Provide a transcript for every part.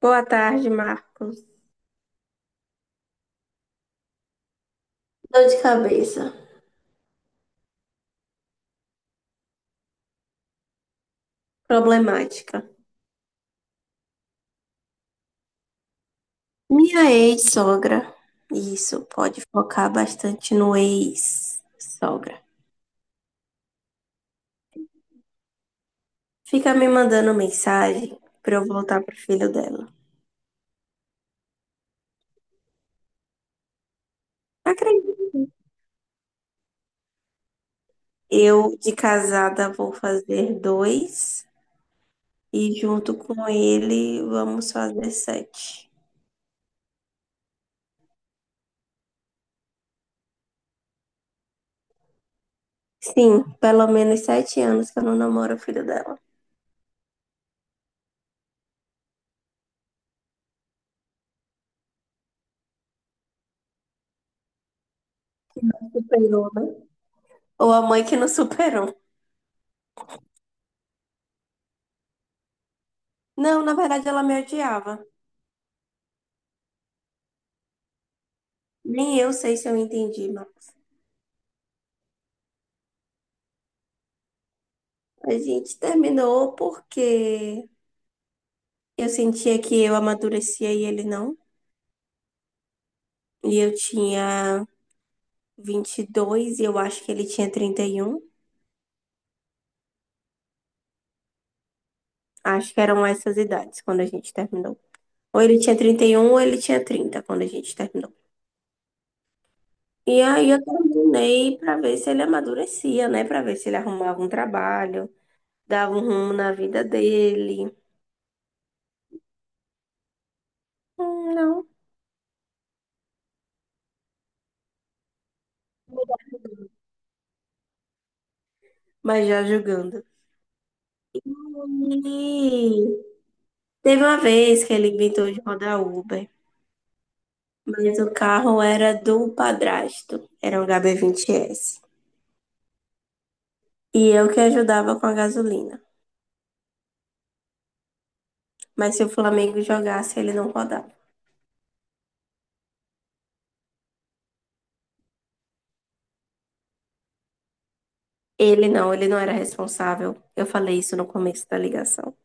Boa tarde, Marcos. Dor de cabeça. Problemática. Minha ex-sogra. Isso, pode focar bastante no ex-sogra. Fica me mandando mensagem pra eu voltar pro filho dela. Acredito. Eu, de casada, vou fazer dois. E junto com ele, vamos fazer sete. Sim, pelo menos 7 anos que eu não namoro o filho dela. Superou, né? Ou a mãe que não superou. Não, na verdade, ela me odiava. Nem eu sei se eu entendi, mas a gente terminou porque eu sentia que eu amadurecia e ele não. E eu tinha 22 e eu acho que ele tinha 31. Acho que eram essas idades quando a gente terminou. Ou ele tinha 31 ou ele tinha 30 quando a gente terminou. E aí eu terminei pra ver se ele amadurecia, né? Pra ver se ele arrumava um trabalho, dava um rumo na vida dele. Não, mas já julgando. E Teve uma vez que ele inventou de rodar Uber, mas o carro era do padrasto, era um HB20S. E eu que ajudava com a gasolina. Mas se o Flamengo jogasse, ele não rodava. Ele não era responsável. Eu falei isso no começo da ligação.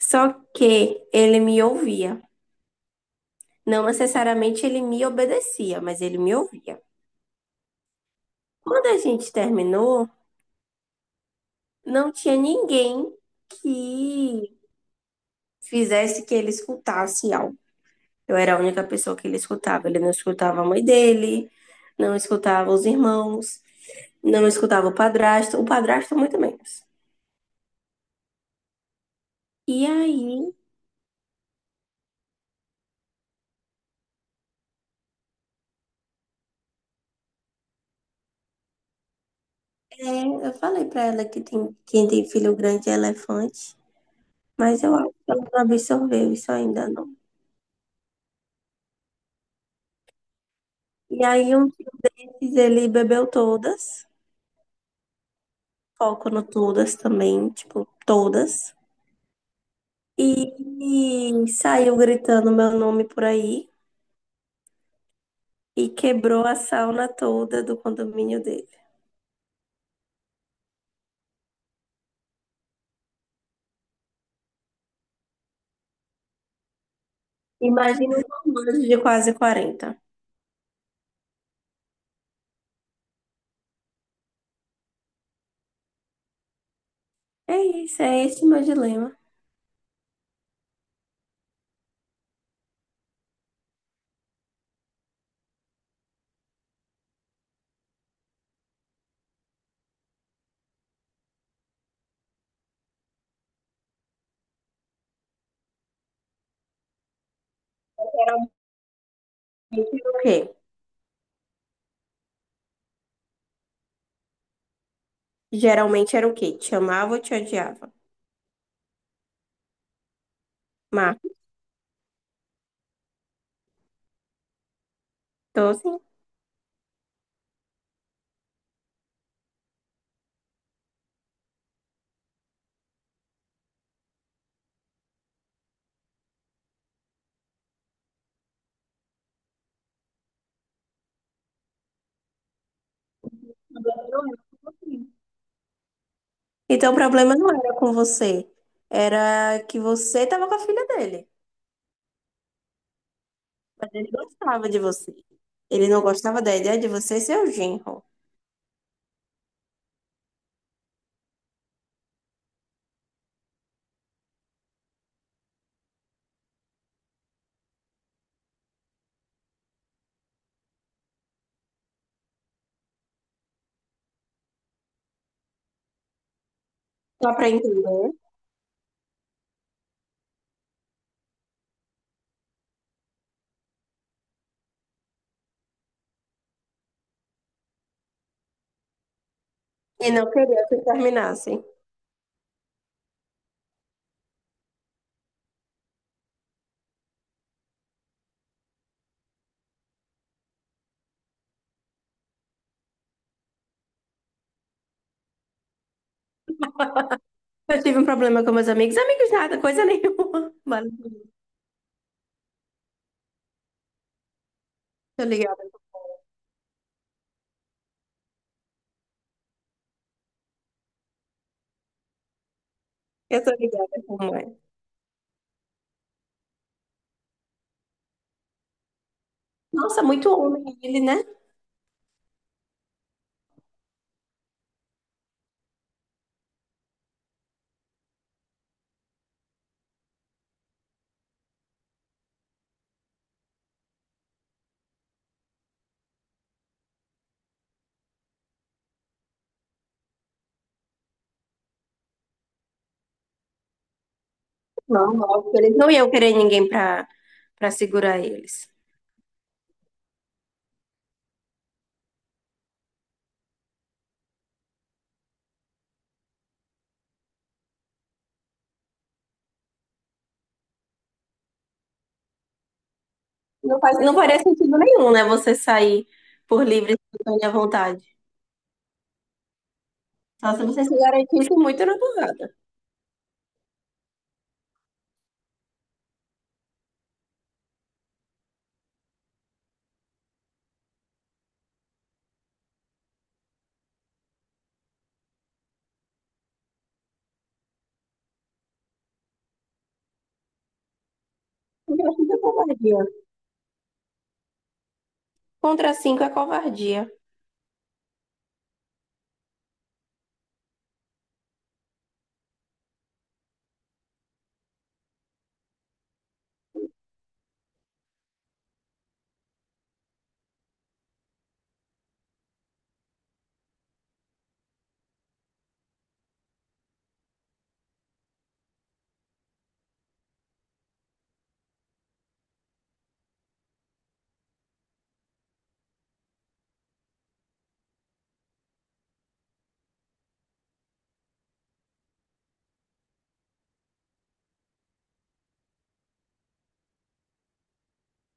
Só que ele me ouvia. Não necessariamente ele me obedecia, mas ele me ouvia. Quando a gente terminou, não tinha ninguém que fizesse que ele escutasse algo. Eu era a única pessoa que ele escutava. Ele não escutava a mãe dele, não escutava os irmãos, não escutava o padrasto muito menos. E aí, eu falei pra ela que tem, quem tem filho grande é elefante, mas eu acho que ela não absorveu isso ainda não. E aí, um dia ele bebeu todas, foco no todas também, tipo, todas. E, saiu gritando meu nome por aí e quebrou a sauna toda do condomínio dele. Imagina um romance de quase 40. É isso, é esse o meu dilema. Geralmente era o quê? Geralmente era o quê? Te amava ou te odiava? Marcos, então assim. Então o problema não era com você. Era que você tava com a filha dele. Mas ele gostava de você. Ele não gostava da ideia de você ser o genro. Só pra entender. E não queria que terminassem. Eu tive um problema com meus amigos. Amigos nada, coisa nenhuma. Mas tô ligada. Eu tô ligada como é. Nossa, muito homem ele, né? Não, óbvio, eles não iam querer ninguém pra segurar eles. Não faria sentido nenhum, né? Você sair por livre e espontânea vontade. Só se você se garantisse muito na porrada. Contra cinco é covardia. Contra cinco é covardia.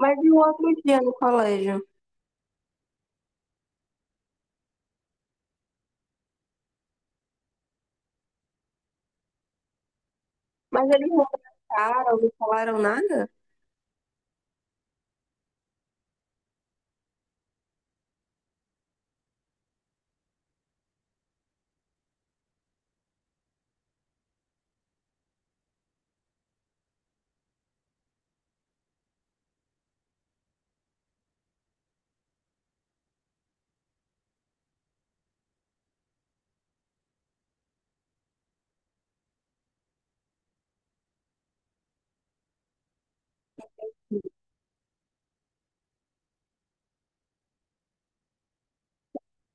Mas e o outro dia no colégio? Mas eles não abraçaram, não falaram nada?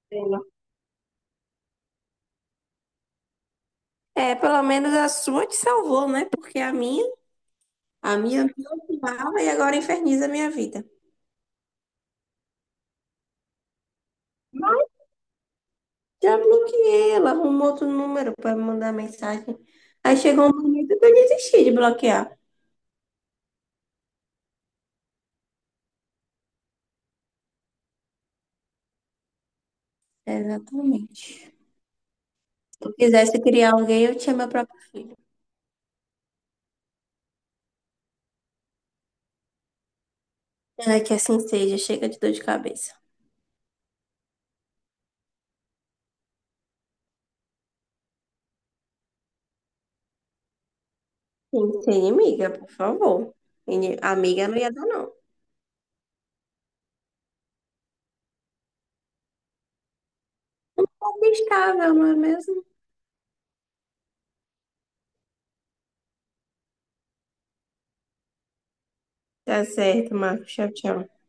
Pena. É, pelo menos a sua te salvou, né? Porque a minha me odiava e agora inferniza a minha vida. Já bloqueei, ela arrumou outro número para me mandar mensagem. Aí chegou um momento que eu desisti de bloquear. Exatamente. Se eu quisesse criar alguém, eu tinha meu próprio filho. Ai, que assim seja, chega de dor de cabeça. Sim, ser inimiga, por favor. Amiga não ia dar, não. Amigável, não é mesmo? Tá certo, Marcos. Tchau, tchau.